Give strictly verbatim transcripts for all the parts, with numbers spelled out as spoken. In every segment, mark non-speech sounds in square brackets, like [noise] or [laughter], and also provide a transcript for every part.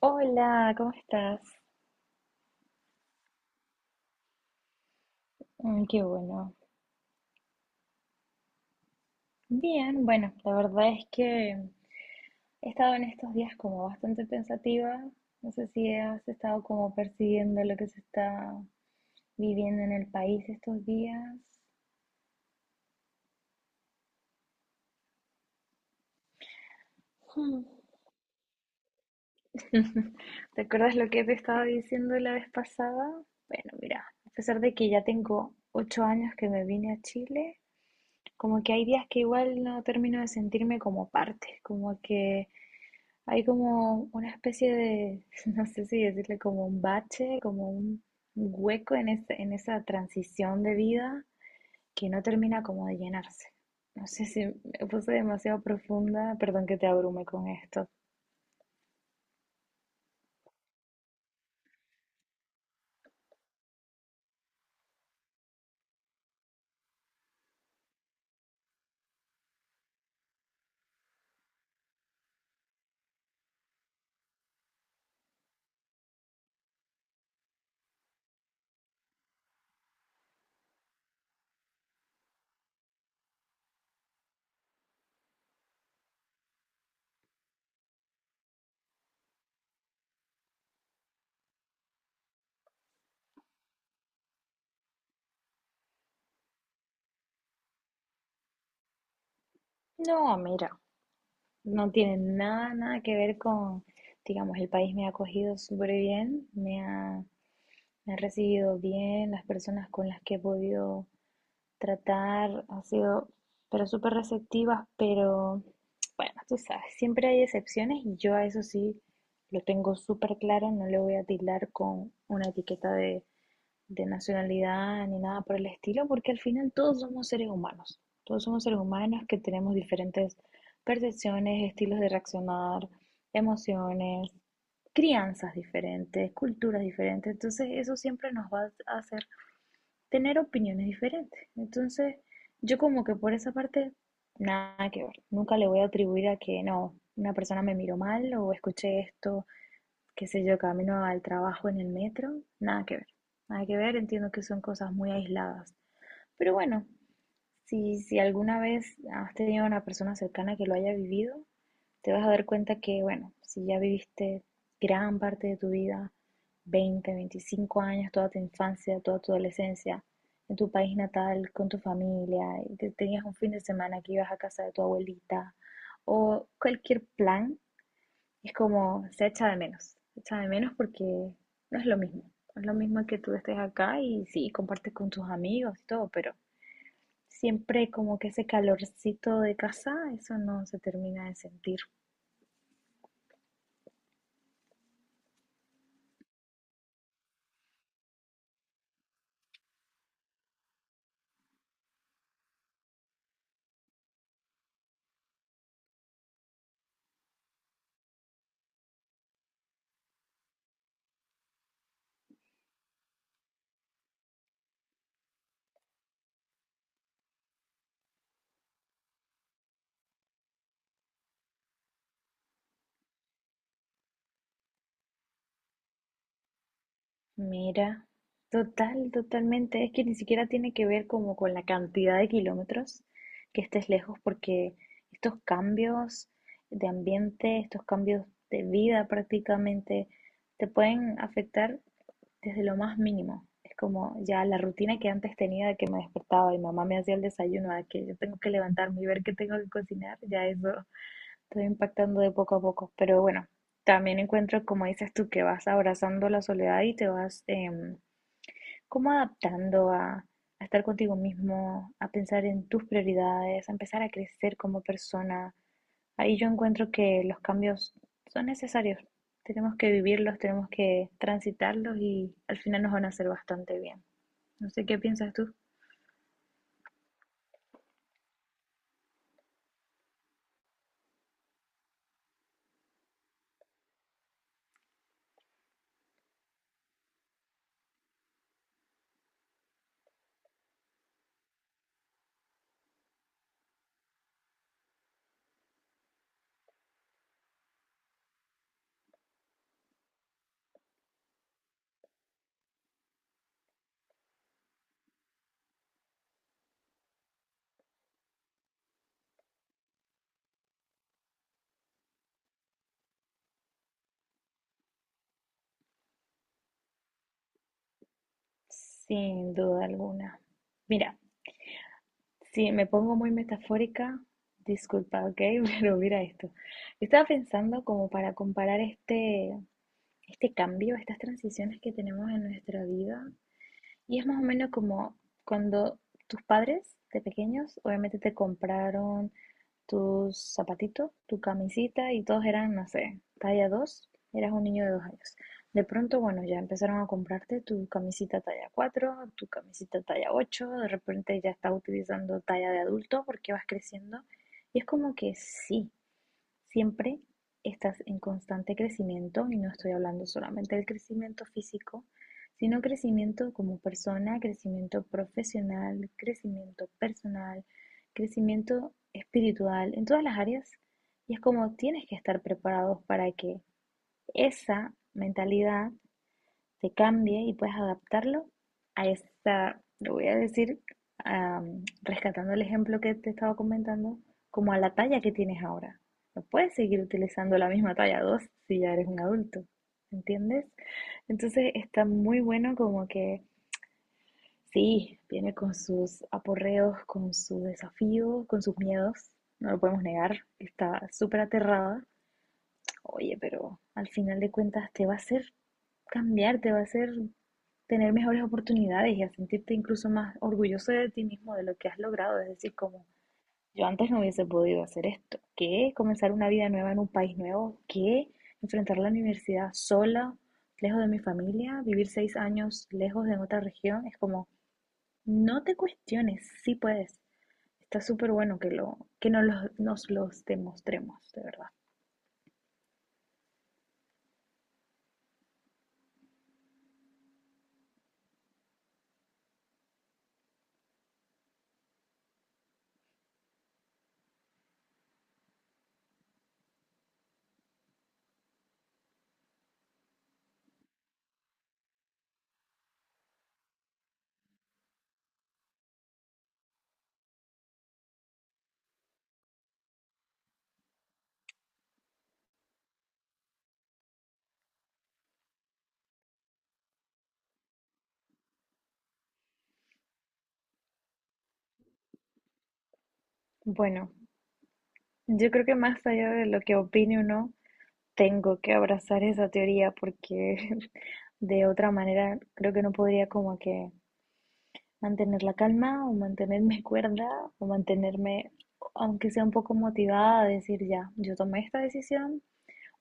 Hola, ¿cómo estás? Mm, qué bueno. Bien, bueno, la verdad es que he estado en estos días como bastante pensativa. No sé si has estado como percibiendo lo que se está viviendo en el país estos días. Hmm. [laughs] ¿Te acuerdas lo que te estaba diciendo la vez pasada? Bueno, mira, a pesar de que ya tengo ocho años que me vine a Chile, como que hay días que igual no termino de sentirme como parte, como que hay como una especie de, [laughs] no sé si decirle como un bache, como un hueco en ese- en esa transición de vida que no termina como de llenarse. No sé si me puse demasiado profunda, perdón que te abrume con esto. No, mira, no tiene nada, nada que ver con, digamos, el país me ha acogido súper bien, me ha, me ha recibido bien, las personas con las que he podido tratar, ha sido, pero súper receptivas, pero bueno, tú sabes, siempre hay excepciones y yo a eso sí lo tengo súper claro, no le voy a tildar con una etiqueta de, de nacionalidad ni nada por el estilo, porque al final todos somos seres humanos, todos somos seres humanos que tenemos diferentes percepciones, estilos de reaccionar, emociones, crianzas diferentes, culturas diferentes, entonces eso siempre nos va a hacer tener opiniones diferentes. Entonces, yo como que por esa parte, nada que ver. Nunca le voy a atribuir a que no, una persona me miró mal o escuché esto, qué sé yo, camino al trabajo en el metro, nada que ver. Nada que ver, entiendo que son cosas muy aisladas. Pero bueno, si, si alguna vez has tenido una persona cercana que lo haya vivido, te vas a dar cuenta que, bueno, si ya viviste gran parte de tu vida, veinte veinticinco años, toda tu infancia, toda tu adolescencia, en tu país natal, con tu familia, y te- tenías un fin de semana que ibas a casa de tu abuelita, o cualquier plan, es como se echa de menos, se echa de menos porque no es lo mismo, no es lo mismo que tú estés acá y sí, compartes con tus amigos y todo, pero siempre como que ese calorcito de casa, eso no se termina de sentir. Mira, total, totalmente. Es que ni siquiera tiene que ver como con la cantidad de kilómetros que estés lejos, porque estos cambios de ambiente, estos cambios de vida prácticamente, te pueden afectar desde lo más mínimo. Es como ya la rutina que antes tenía de que me despertaba y mamá me hacía el desayuno, a que yo tengo que levantarme y ver qué tengo que cocinar, ya eso estoy impactando de poco a poco, pero bueno, también encuentro, como dices tú, que vas abrazando la soledad y te vas em, como adaptando a, a estar contigo mismo, a pensar en tus prioridades, a empezar a crecer como persona. Ahí yo encuentro que los cambios son necesarios, tenemos que vivirlos, tenemos que transitarlos y al final nos van a hacer bastante bien. No sé qué piensas tú. Sin duda alguna. Mira, si me pongo muy metafórica, disculpa, ¿ok? [laughs] Pero mira esto. Estaba pensando como para comparar este, este cambio, estas transiciones que tenemos en nuestra vida. Y es más o menos como cuando tus padres de pequeños obviamente te compraron tus zapatitos, tu camisita y todos eran, no sé, talla dos, eras un niño de dos años. De pronto, bueno, ya empezaron a comprarte tu camisita talla cuatro, tu camisita talla ocho, de repente ya estás utilizando talla de adulto porque vas creciendo. Y es como que sí, siempre estás en constante crecimiento y no estoy hablando solamente del crecimiento físico, sino crecimiento como persona, crecimiento profesional, crecimiento personal, crecimiento espiritual, en todas las áreas. Y es como tienes que estar preparados para que esa mentalidad se cambie y puedas adaptarlo a esa, lo voy a decir, am, rescatando el ejemplo que te estaba comentando, como a la talla que tienes ahora. No puedes seguir utilizando la misma talla dos si ya eres un adulto, ¿entiendes? Entonces está muy bueno como que sí, viene con sus aporreos, con sus desafíos, con sus miedos, no lo podemos negar, está súper aterrada. Oye, pero al final de cuentas te va a hacer cambiar, te va a hacer tener mejores oportunidades y a sentirte incluso más orgulloso de ti mismo, de lo que has logrado. Es decir, como yo antes no hubiese podido hacer esto. ¿Qué? Comenzar una vida nueva en un país nuevo. ¿Qué? Enfrentar la universidad sola, lejos de mi familia, vivir seis años lejos de otra región. Es como, no te cuestiones, sí puedes. Está súper bueno que, lo, que nos, los, nos los demostremos, de verdad. Bueno, yo creo que más allá de lo que opine o no, tengo que abrazar esa teoría porque [laughs] de otra manera creo que no podría como que mantener la calma o mantenerme [laughs] cuerda o mantenerme, aunque sea un poco motivada a decir ya, yo tomé esta decisión,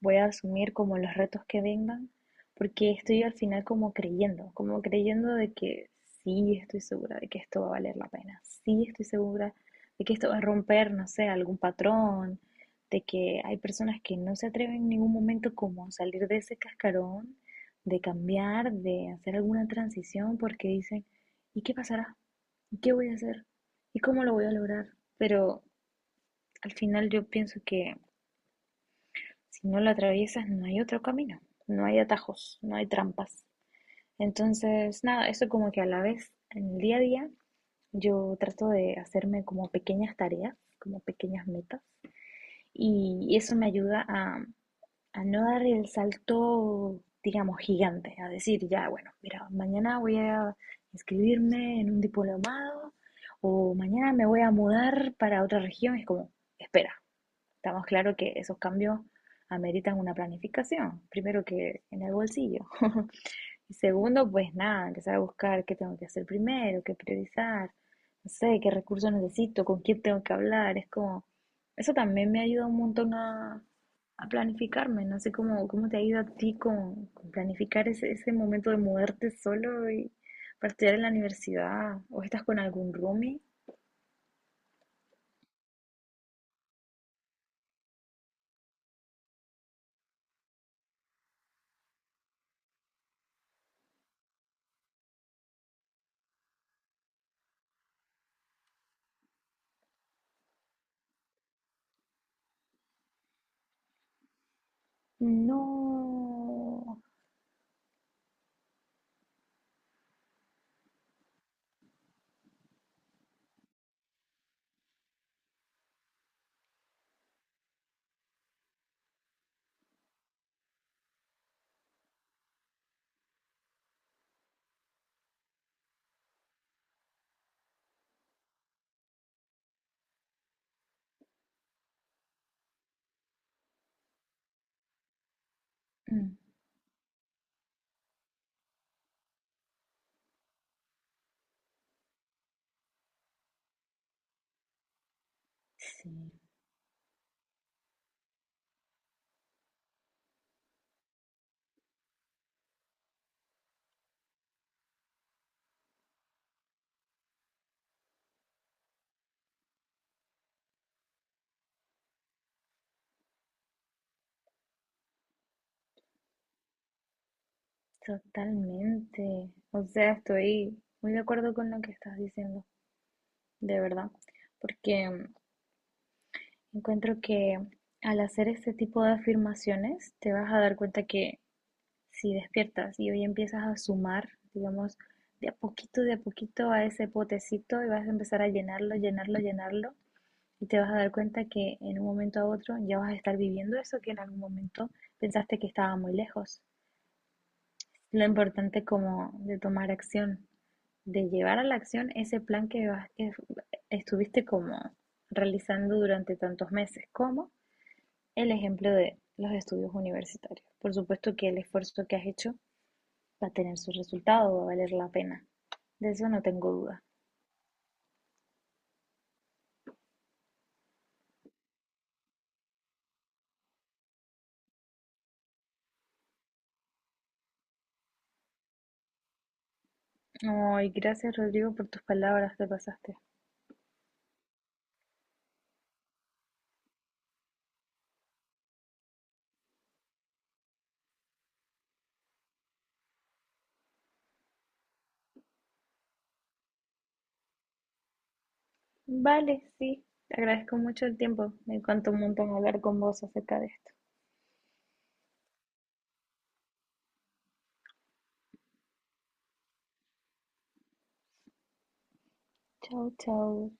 voy a asumir como los retos que vengan, porque estoy al final como creyendo, como creyendo de que sí estoy segura de que esto va a valer la pena, sí estoy segura de que esto va a romper, no sé, algún patrón, de que hay personas que no se atreven en ningún momento como a salir de ese cascarón, de cambiar, de hacer alguna transición, porque dicen, ¿y qué pasará? ¿Y qué voy a hacer? ¿Y cómo lo voy a lograr? Pero al final yo pienso que si no lo atraviesas, no hay otro camino, no hay atajos, no hay trampas. Entonces, nada, eso como que a la vez, en el día a día, yo trato de hacerme como pequeñas tareas, como pequeñas metas, y eso me ayuda a, a no dar el salto, digamos, gigante, a decir, ya, bueno, mira, mañana voy a inscribirme en un diplomado o mañana me voy a mudar para otra región. Es como, espera, estamos claro que esos cambios ameritan una planificación. Primero que en el bolsillo. [laughs] Y segundo, pues nada, empezar a buscar qué tengo que hacer primero, qué priorizar, no sé, qué recursos necesito, con quién tengo que hablar. Es como, eso también me ayuda un montón a, a planificarme. No sé cómo, cómo te ha ido a ti con, con planificar ese, ese momento de mudarte solo y para estudiar en la universidad. ¿O estás con algún roomie? No. Mm, sí. Totalmente. O sea, estoy muy de acuerdo con lo que estás diciendo, de verdad, porque mm, encuentro que al hacer este tipo de afirmaciones te vas a dar cuenta que si despiertas y hoy empiezas a sumar, digamos, de a poquito, de a poquito a ese potecito y vas a empezar a llenarlo, llenarlo, llenarlo, y te vas a dar cuenta que en un momento a otro ya vas a estar viviendo eso que en algún momento pensaste que estaba muy lejos. Lo importante como de tomar acción, de llevar a la acción ese plan que, vas- que estuviste como realizando durante tantos meses, como el ejemplo de los estudios universitarios. Por supuesto que el esfuerzo que has hecho va a tener su resultado, va a valer la pena. De eso no tengo duda. Ay, gracias Rodrigo por tus palabras, te pasaste. Vale, sí, te agradezco mucho el tiempo. Me encantó un montón hablar con vos acerca de esto. Chao, chao.